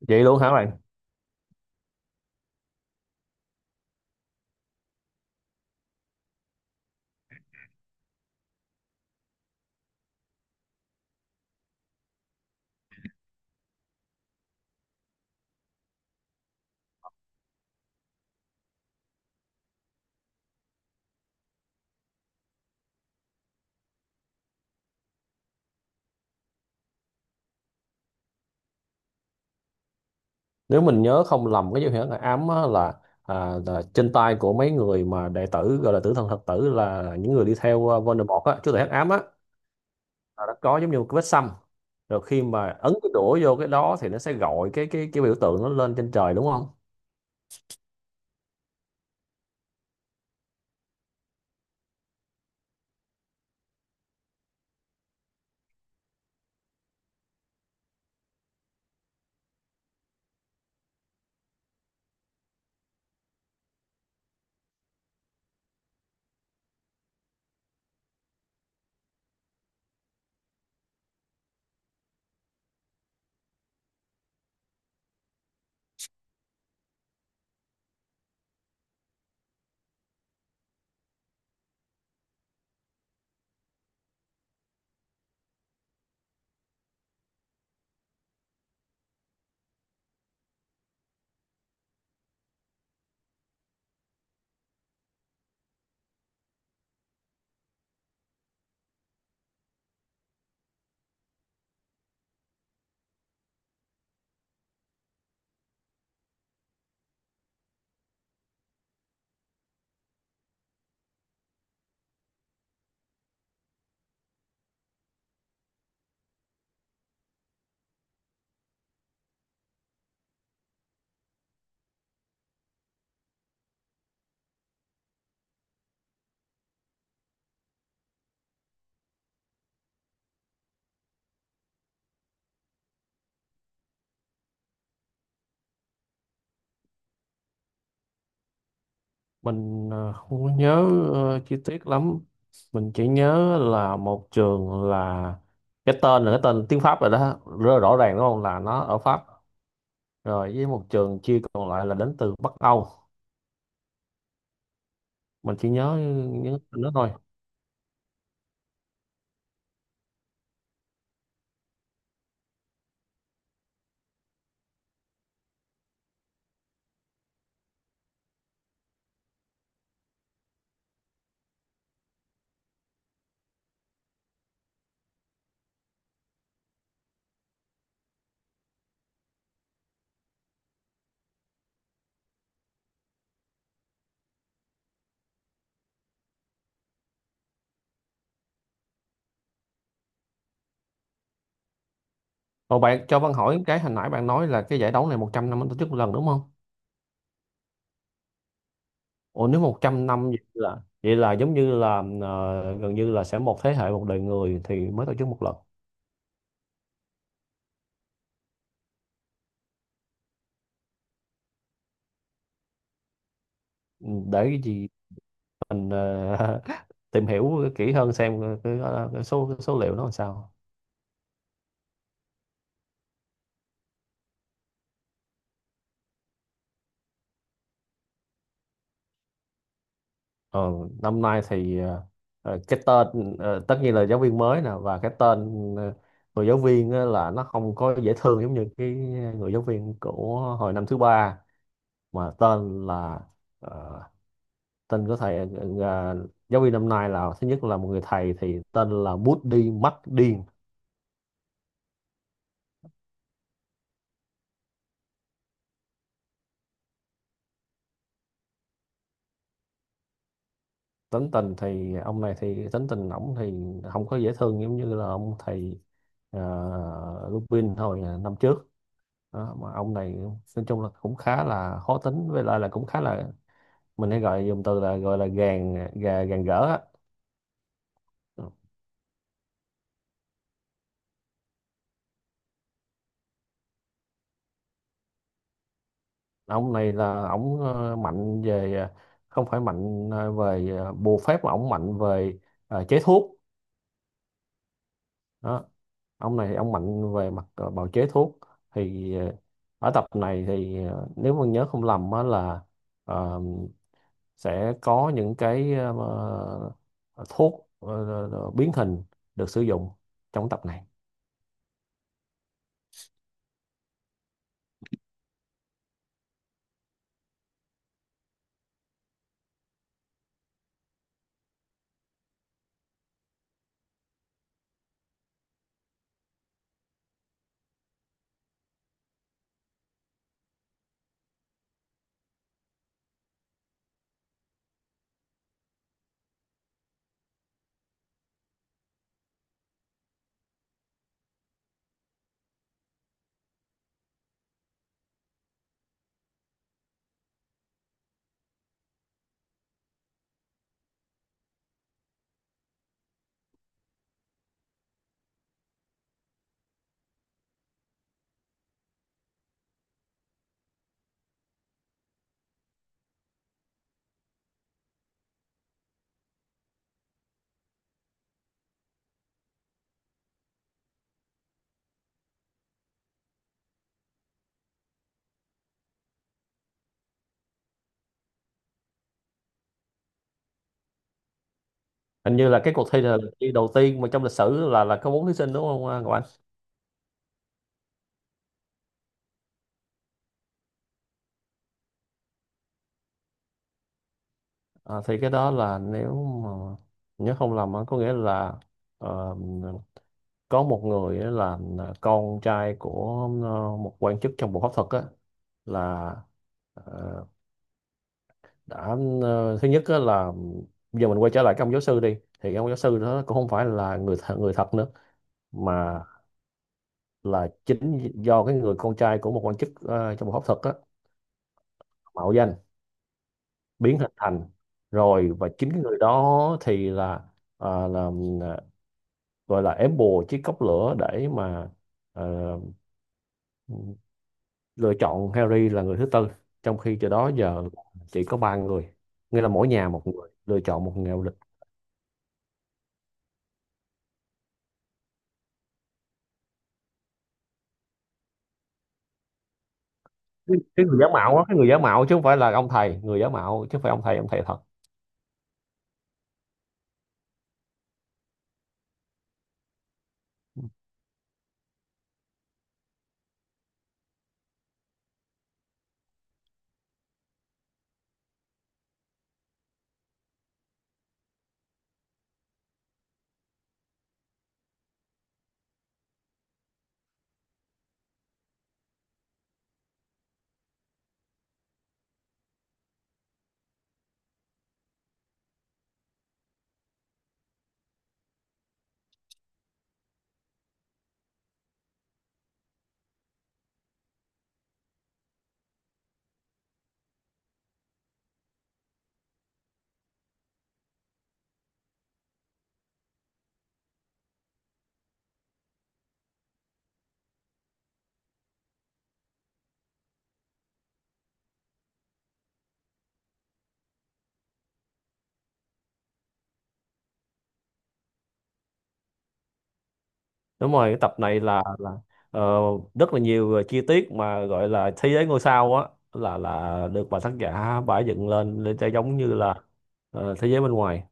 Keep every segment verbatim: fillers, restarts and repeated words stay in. vậy luôn hả bạn Nếu mình nhớ không lầm, cái dấu hiệu ám á là, à, là trên tay của mấy người mà đệ tử gọi là tử thần thật tử, là những người đi theo, à, Voldemort á, chúa tể hắc ám á, là nó có giống như một cái vết xăm. Rồi khi mà ấn cái đũa vô cái đó thì nó sẽ gọi cái cái cái biểu tượng nó lên trên trời, đúng không? Mình à, không có nhớ ờ, chi tiết lắm. Mình chỉ nhớ là một trường là cái tên là cái tên tiếng Pháp rồi đó, rất là rõ ràng đúng không, là nó ở Pháp. Rồi với một trường chia còn lại là đến từ Bắc Âu. Mình chỉ nhớ nhớ nó thôi. Ồ, bạn cho Văn hỏi, cái hồi nãy bạn nói là cái giải đấu này một trăm năm mới tổ chức một lần, đúng không? Ồ, nếu một trăm năm vậy là vậy là giống như là ờ, gần như là sẽ một thế hệ, một đời người thì mới tổ chức một lần. Ừ, để cái gì mình ờ, tìm hiểu kỹ hơn xem cái, cái cái số cái số liệu nó làm sao. Ờ, Năm nay thì ờ, ờ, cái tên, ờ, tất nhiên là giáo viên mới nè, và cái tên ờ, người giáo viên á là nó không có dễ thương giống như cái người giáo viên của hồi năm thứ ba mà tên là, ờ, tên của thầy, ờ, ờ, giáo viên năm nay, là thứ nhất là một người thầy thì tên là Bút Đi Mắt Điên. Tính tình thì ông này thì tính tình ổng thì không có dễ thương giống như là ông thầy, uh, Lupin hồi ờ, năm trước. Đó, mà ông này nói chung là cũng khá là khó tính, với lại là cũng khá là, mình hay gọi dùng từ là, gọi là gàn gà, gàn gỡ á. Ừ. Ông này là ổng ờ, mạnh về, ờ, không phải mạnh ờ, về ờ, bùa phép, mà ổng mạnh về ờ, chế thuốc. Đó, ông này ông mạnh về mặt ờ, bào chế thuốc. Thì ờ, ở tập này thì ờ, nếu mà nhớ không lầm á là, ờ, sẽ có những cái ờ, ờ, thuốc ờ, ờ, ờ, biến hình được sử dụng trong tập này. Hình như là cái cuộc thi là cuộc thi đầu tiên mà trong lịch sử là là có bốn thí sinh, đúng không Ngọc Anh? À, thì cái đó là nếu mà nhớ không lầm á, có nghĩa là ờ, có một người á, là con trai của ờ, một quan chức trong bộ pháp thuật á, là ờ, đã ờ, thứ nhất á là, giờ mình quay trở lại cái ông giáo sư đi, thì cái ông giáo sư đó cũng không phải là người th người thật nữa, mà là chính do cái người con trai của một quan chức ờ, trong bộ pháp thuật á, mạo danh, biến hình thành. Rồi và chính cái người đó thì là ờ, là gọi là ém bùa chiếc cốc lửa để mà ờ, lựa chọn Harry là người thứ tư, trong khi cho đó giờ chỉ có ba người, nghĩa là mỗi nhà một người lựa chọn một người lịch. Cái cái người giả mạo á, cái người giả mạo chứ không phải là ông thầy, người giả mạo chứ không phải ông thầy ông thầy thật. Đúng rồi, cái tập này là là ờ, rất là nhiều chi tiết mà gọi là thế giới ngôi sao á, là là được bà tác giả bả dựng lên để cho giống như là ờ, thế giới bên ngoài.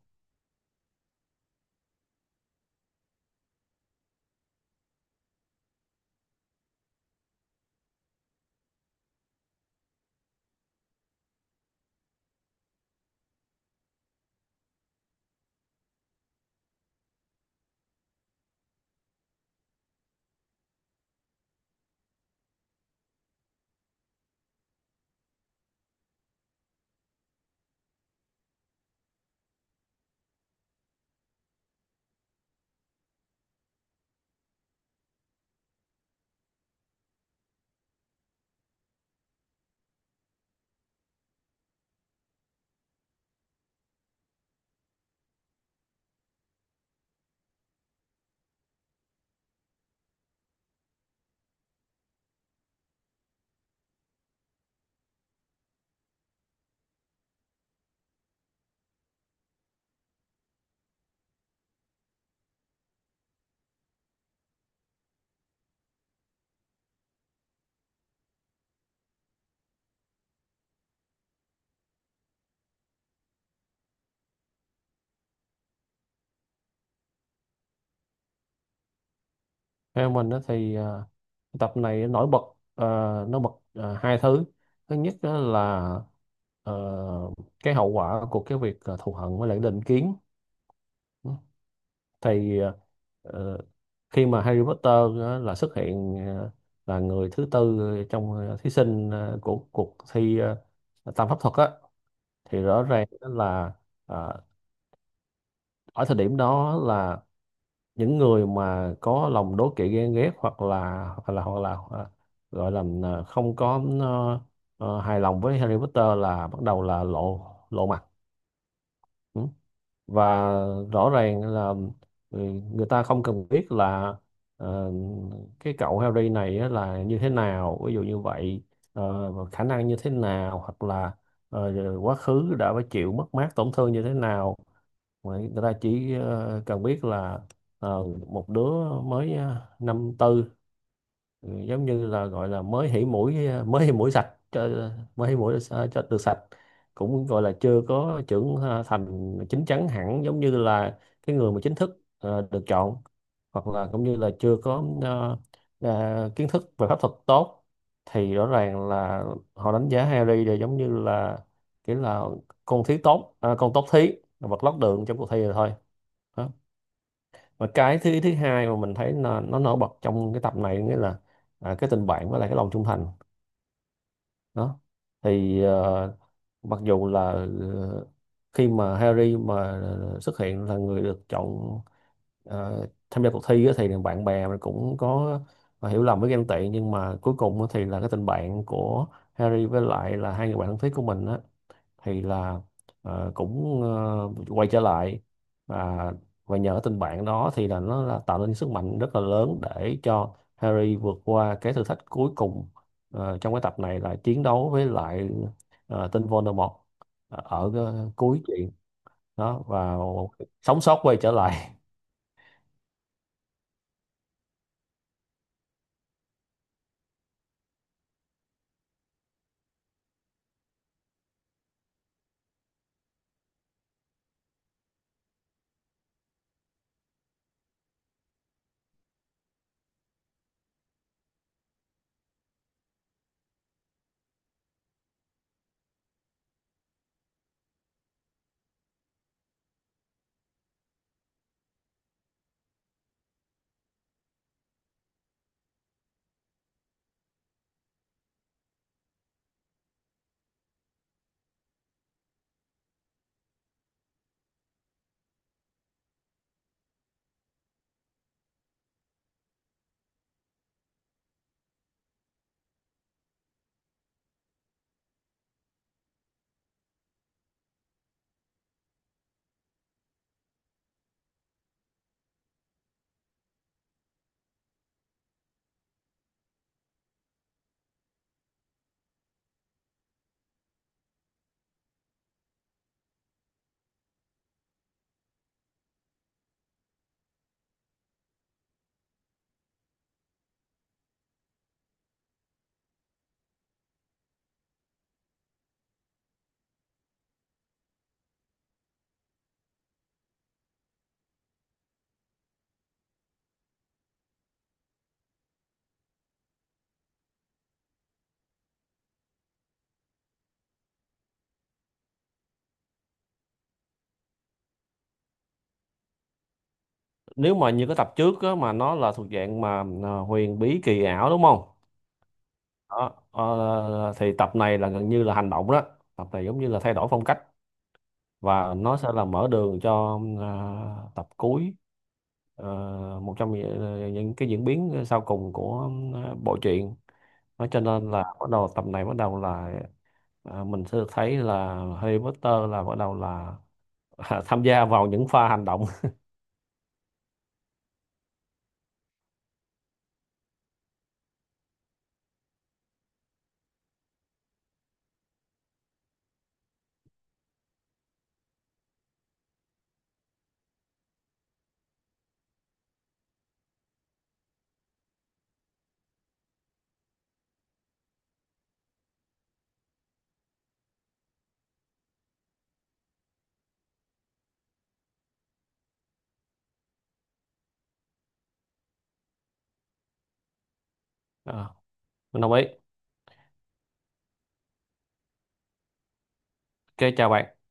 Theo mình đó thì ờ, tập này nổi bật, ờ, nó bật ờ, hai thứ. Thứ nhất á là ờ, cái hậu quả của cái việc ờ, thù hận với lại định kiến. Thì ờ, ờ, khi mà Harry Potter á, là xuất hiện ờ, là người thứ tư trong ờ, thí sinh ờ, của cuộc thi ờ, tam pháp thuật á, thì rõ ràng là ờ, ở thời điểm đó là những người mà có lòng đố kỵ ghen ghét, hoặc là hoặc là hoặc là à, gọi là, à, không có à, à, hài lòng với Harry Potter, là bắt đầu là lộ lộ mặt. Ừ. Và rõ ràng là, ừ, người ta không cần biết là ờ, cái cậu Harry này á là như thế nào, ví dụ như vậy, ờ, và khả năng như thế nào, hoặc là ờ, quá khứ đã phải chịu mất mát tổn thương như thế nào. Người ta chỉ ờ, cần biết là ờ, một đứa mới ờ, năm tư, ừ, giống như là gọi là mới hỉ mũi ờ, mới hỉ mũi sạch cho ờ, mới hỉ mũi sa- cho được sạch, cũng gọi là chưa có trưởng ờ, thành chín chắn hẳn, giống như là cái người mà chính thức ờ, được chọn, hoặc là cũng như là chưa có ờ, ờ, kiến thức về pháp thuật tốt. Thì rõ ràng là họ đánh giá Harry là giống như là kiểu là con thí tốt à, con tốt thí, vật lót đường trong cuộc thi rồi thôi. Đó. Và cái thứ thứ hai mà mình thấy nó, nó nổi bật trong cái tập này, nghĩa là à, cái tình bạn với lại cái lòng trung thành. Đó, thì ờ, mặc dù là ờ, khi mà Harry mà ờ, xuất hiện là người được chọn, ờ, tham gia cuộc thi á, thì bạn bè mình cũng có ờ, hiểu lầm với ghen tị, nhưng mà cuối cùng á thì là cái tình bạn của Harry với lại là hai người bạn thân thiết của mình á, thì là ờ, cũng ờ, quay trở lại. và và nhờ tình bạn đó thì là nó là tạo nên sức mạnh rất là lớn để cho Harry vượt qua cái thử thách cuối cùng, ờ, trong cái tập này là chiến đấu với lại ờ, tên Voldemort, ờ, ở cái cuối chuyện. Đó và sống sót quay trở lại. Nếu mà như cái tập trước á, mà nó là thuộc dạng mà ờ, huyền bí kỳ ảo, đúng không? Đó, ờ, thì tập này là gần như là hành động đó. Tập này giống như là thay đổi phong cách, và nó sẽ là mở đường cho, à, tập cuối, ờ, một trong những ờ, những cái diễn biến sau cùng của ờ, bộ truyện. Nó cho nên là bắt đầu tập này bắt đầu là, à, mình sẽ được thấy là Harry Potter là bắt đầu là tham gia vào những pha hành động. Ờ, mình đồng ý. Ok, chào bạn.